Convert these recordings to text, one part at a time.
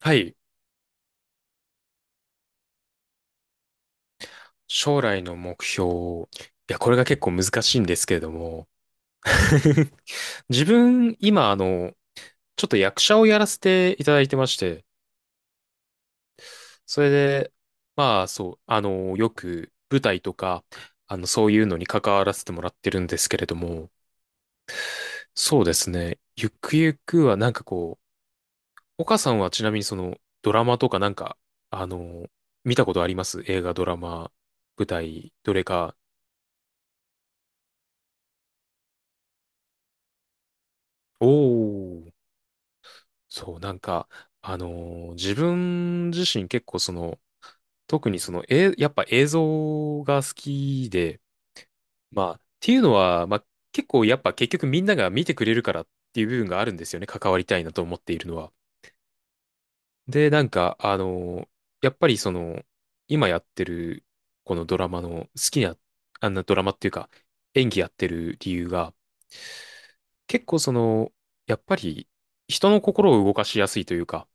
はい。将来の目標。いや、これが結構難しいんですけれども。自分、今、ちょっと役者をやらせていただいてまして、それで、まあ、そう、よく舞台とか、そういうのに関わらせてもらってるんですけれども、そうですね。ゆくゆくは、なんかこう、岡さんはちなみにその、ドラマとかなんか、あの、見たことあります映画、ドラマ、舞台、どれか？おー。そう、なんか、自分自身結構その、特にその、やっぱ映像が好きで、まあ、っていうのは、まあ、結構やっぱ結局みんなが見てくれるからっていう部分があるんですよね。関わりたいなと思っているのは。で、なんか、やっぱりその、今やってる、このドラマの好きな、あんなドラマっていうか、演技やってる理由が、結構その、やっぱり人の心を動かしやすいというか、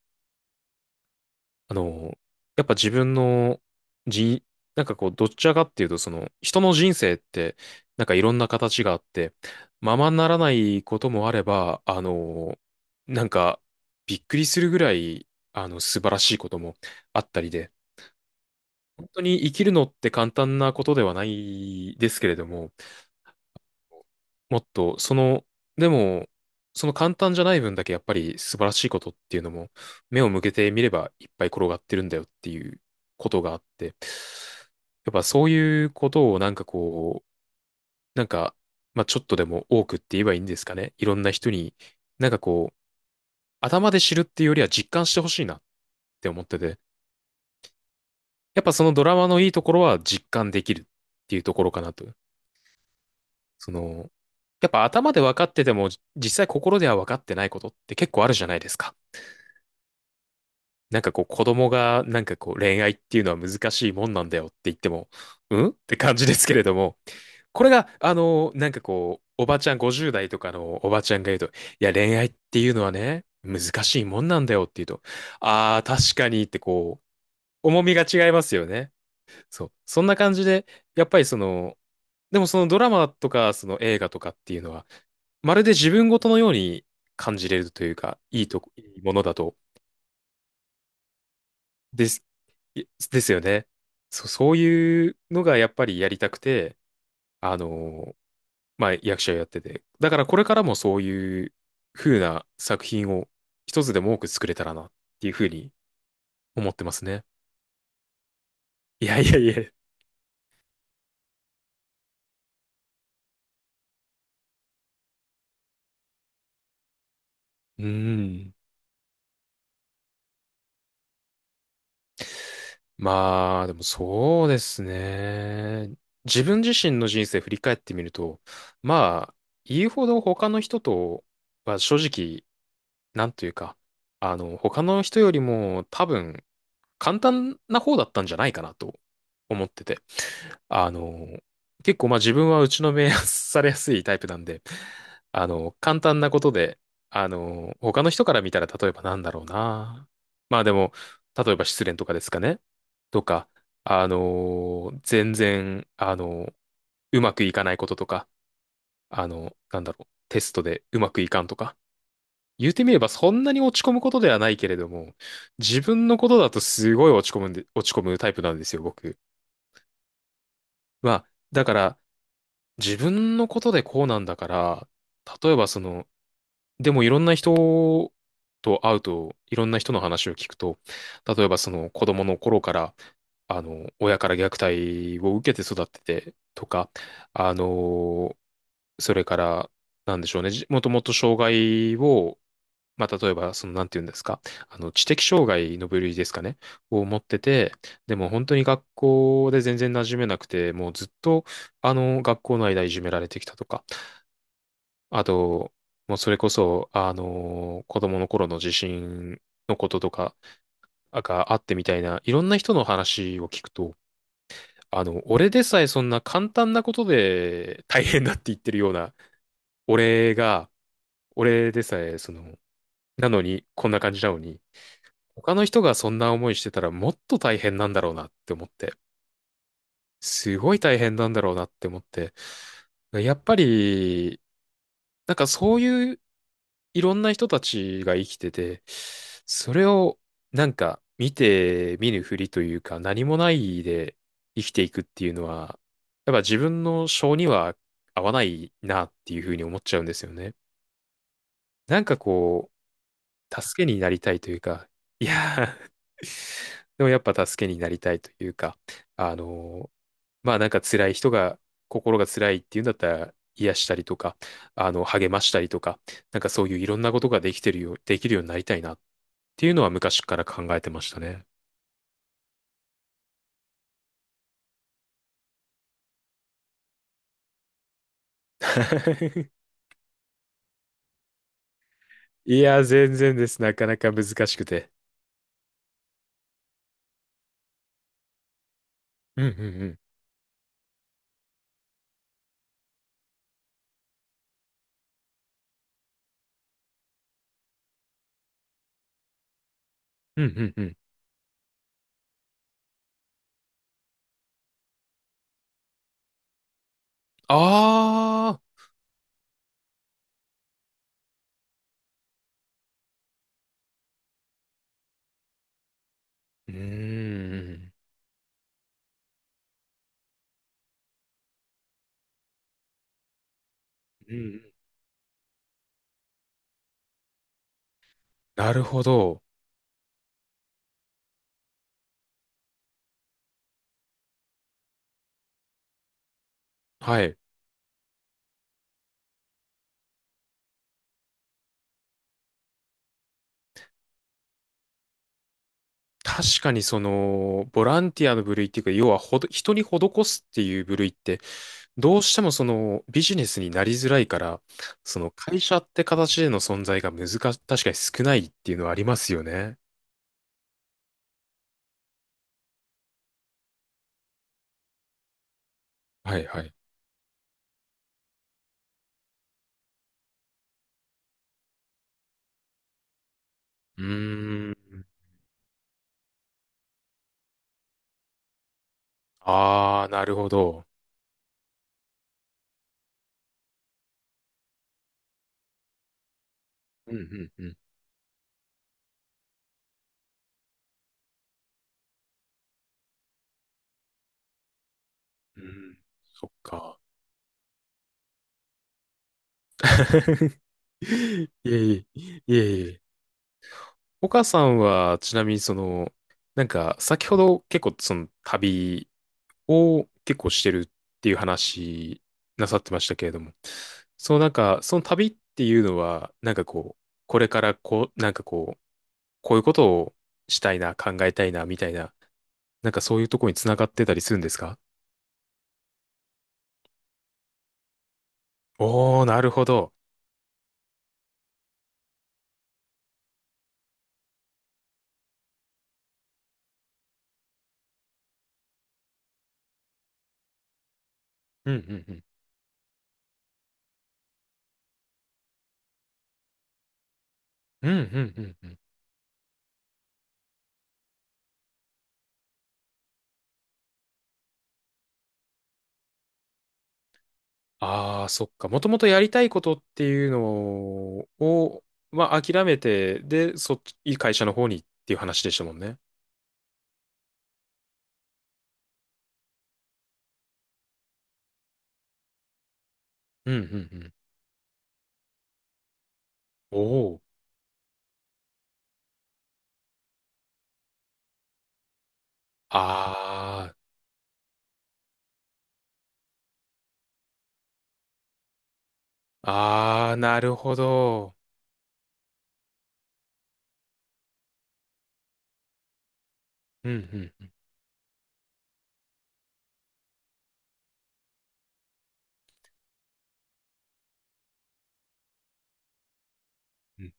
あの、やっぱ自分のじなんかこう、どちらかっていうと、その、人の人生って、なんかいろんな形があって、ままならないこともあれば、なんか、びっくりするぐらい、素晴らしいこともあったりで、本当に生きるのって簡単なことではないですけれども、もっと、その、でも、その簡単じゃない分だけやっぱり素晴らしいことっていうのも、目を向けてみればいっぱい転がってるんだよっていうことがあって、やっぱそういうことをなんかこう、なんか、まあちょっとでも多くって言えばいいんですかね。いろんな人に、なんかこう、頭で知るっていうよりは実感してほしいなって思ってて、やっぱそのドラマのいいところは実感できるっていうところかなと。その、やっぱ頭で分かってても、実際心では分かってないことって結構あるじゃないですか。なんかこう子供がなんかこう恋愛っていうのは難しいもんなんだよって言っても、うんって感じですけれども、これがなんかこう、おばちゃん50代とかのおばちゃんが言うと、いや恋愛っていうのはね、難しいもんなんだよって言うと、ああ、確かにってこう、重みが違いますよね。そう。そんな感じで、やっぱりその、でもそのドラマとか、その映画とかっていうのは、まるで自分ごとのように感じれるというか、いいとこ、いいものだと、です、いですよね。そういうのがやっぱりやりたくて、あの、まあ、役者をやってて。だからこれからもそういう風な作品を一つでも多く作れたらなっていう風に思ってますね。いやいやいや。うん。まあ、でもそうですね。自分自身の人生振り返ってみると、まあ、言うほど他の人とは正直、なんというか、他の人よりも多分簡単な方だったんじゃないかなと思ってて。あの、結構まあ自分は打ちのめされやすいタイプなんで、簡単なことで、他の人から見たら例えばなんだろうな。まあでも、例えば失恋とかですかね。とか、全然、うまくいかないこととか、なんだろう、テストでうまくいかんとか、言ってみればそんなに落ち込むことではないけれども、自分のことだとすごい落ち込むんで、落ち込むタイプなんですよ、僕。まあ、だから自分のことでこうなんだから、例えばその、でもいろんな人と会うと、いろんな人の話を聞くと、例えばその子供の頃から、親から虐待を受けて育っててとか、あの、それから、なんでしょうね、もともと障害をまあ、例えば、その、なんて言うんですか、知的障害の部類ですかね、を持ってて、でも本当に学校で全然馴染めなくて、もうずっと、学校の間いじめられてきたとか、あと、もうそれこそ、子供の頃の地震のこととかがあってみたいな、いろんな人の話を聞くと、俺でさえそんな簡単なことで大変だって言ってるような、俺が、俺でさえ、その、なのに、こんな感じなのに、他の人がそんな思いしてたらもっと大変なんだろうなって思って、すごい大変なんだろうなって思って、やっぱり、なんかそういういろんな人たちが生きてて、それをなんか見て見ぬふりというか何もないで生きていくっていうのは、やっぱ自分の性には合わないなっていうふうに思っちゃうんですよね。なんかこう、助けになりたいというか、いやー でもやっぱ助けになりたいというか、あのーまあなんか辛い人が、心が辛いっていうんだったら、癒したりとか、励ましたりとか、なんかそういういろんなことができるようになりたいなっていうのは昔から考えてましたね。いや、全然です。なかなか難しくて。うんうんうん。うんうんうん。ああ、うーん。うんうんなるほど。はい。確かにその、ボランティアの部類っていうか、要はほど、人に施すっていう部類って、どうしてもそのビジネスになりづらいから、その会社って形での存在が確かに少ないっていうのはありますよね。はいはい。うーん。ああ、なるほど。うんうんうん。うん。そっか。いえいえ、いえいえ。岡さんは、ちなみにその、なんか、先ほど結構その旅を結構してるっていう話なさってましたけれども、そのなんか、その旅っていうのは、なんかこう、これからこう、なんかこう、こういうことをしたいな、考えたいな、みたいな、なんかそういうところにつながってたりするんですか？おー、なるほど。うん、うん、うん。うん、うん、うん。うんああ、そっか。もともとやりたいことっていうのを、まあ、諦めて、で、そっち、いい会社の方にっていう話でしたもんね。うん、うん、うん。おお。ああ、ああ、なるほど。うん、うんうん。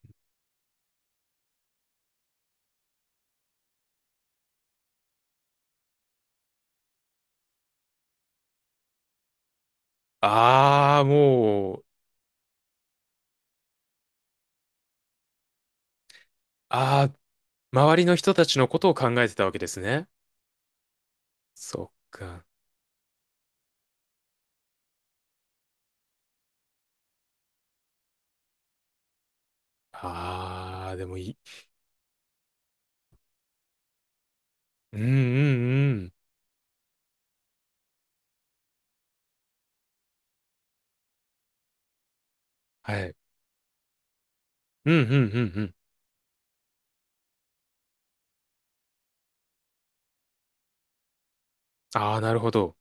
ああ、もう、ああ、周りの人たちのことを考えてたわけですね。そっか。ああ、でもいい。うん、うん、うん。はい。うん、うん、うん、うん。ああ、なるほど。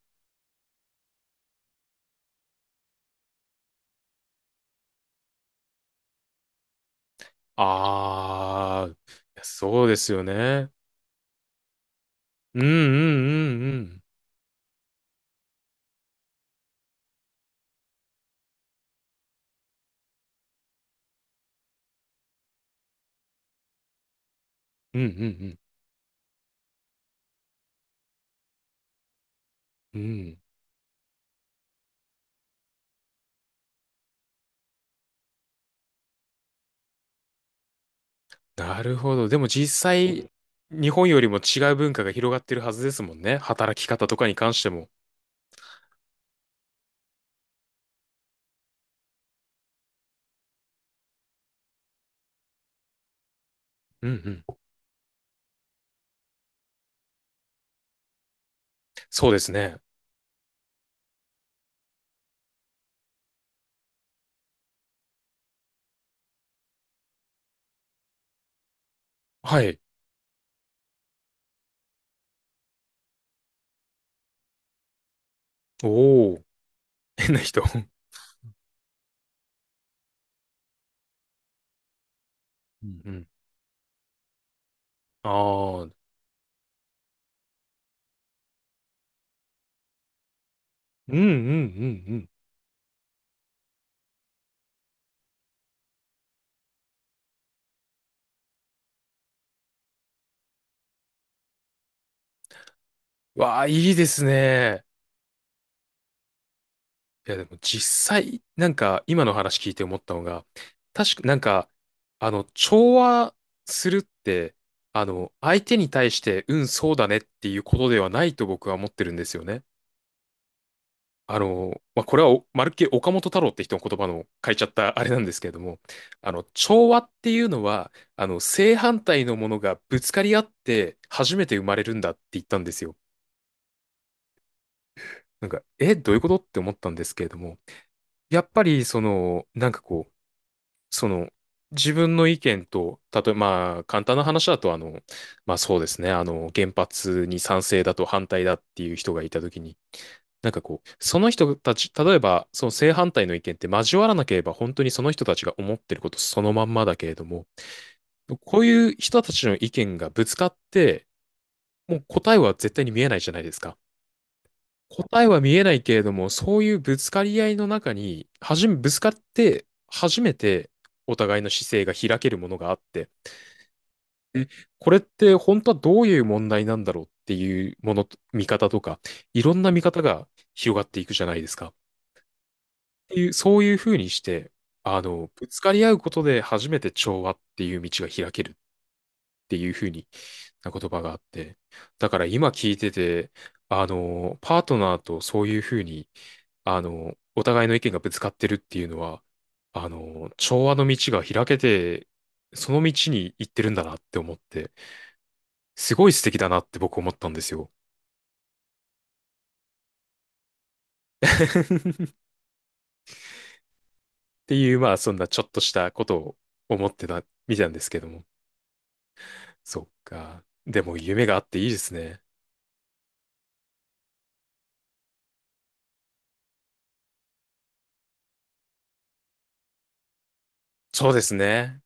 ああ、そうですよね。うんうんうんうん。うんうんうん。うん。なるほど。でも実際、日本よりも違う文化が広がってるはずですもんね。働き方とかに関しても。うんうん。そうですね。はい。おお、変な人。うんうん。ああ、うんうんうんうん。わあ、いいですね。いやでも実際、なんか今の話聞いて思ったのが、確かなんか、調和するって、相手に対して、うん、そうだねっていうことではないと僕は思ってるんですよね。まあ、これはおまるっきり岡本太郎って人の言葉の書いちゃったあれなんですけれども、調和っていうのは、正反対のものがぶつかり合って初めて生まれるんだって言ったんですよ。なんか、どういうことって思ったんですけれども、やっぱりその、なんかこう、その、自分の意見と、例えば、まあ、簡単な話だと、まあそうですね、原発に賛成だと反対だっていう人がいたときに、なんかこう、その人たち、例えば、その正反対の意見って交わらなければ、本当にその人たちが思ってることそのまんまだけれども、こういう人たちの意見がぶつかって、もう答えは絶対に見えないじゃないですか。答えは見えないけれども、そういうぶつかり合いの中に、はじめ、ぶつかって、初めてお互いの姿勢が開けるものがあって、これって本当はどういう問題なんだろうっていうもの、見方とか、いろんな見方が広がっていくじゃないですか。っていう、そういうふうにして、ぶつかり合うことで初めて調和っていう道が開けるっていうふうにな言葉があって、だから今聞いてて、パートナーとそういうふうにお互いの意見がぶつかってるっていうのは、調和の道が開けて、その道に行ってるんだなって思って、すごい素敵だなって僕思ったんですよ。っていう、まあ、そんなちょっとしたことを思ってたみたんですけども。そっか。でも夢があっていいですね。そうですね。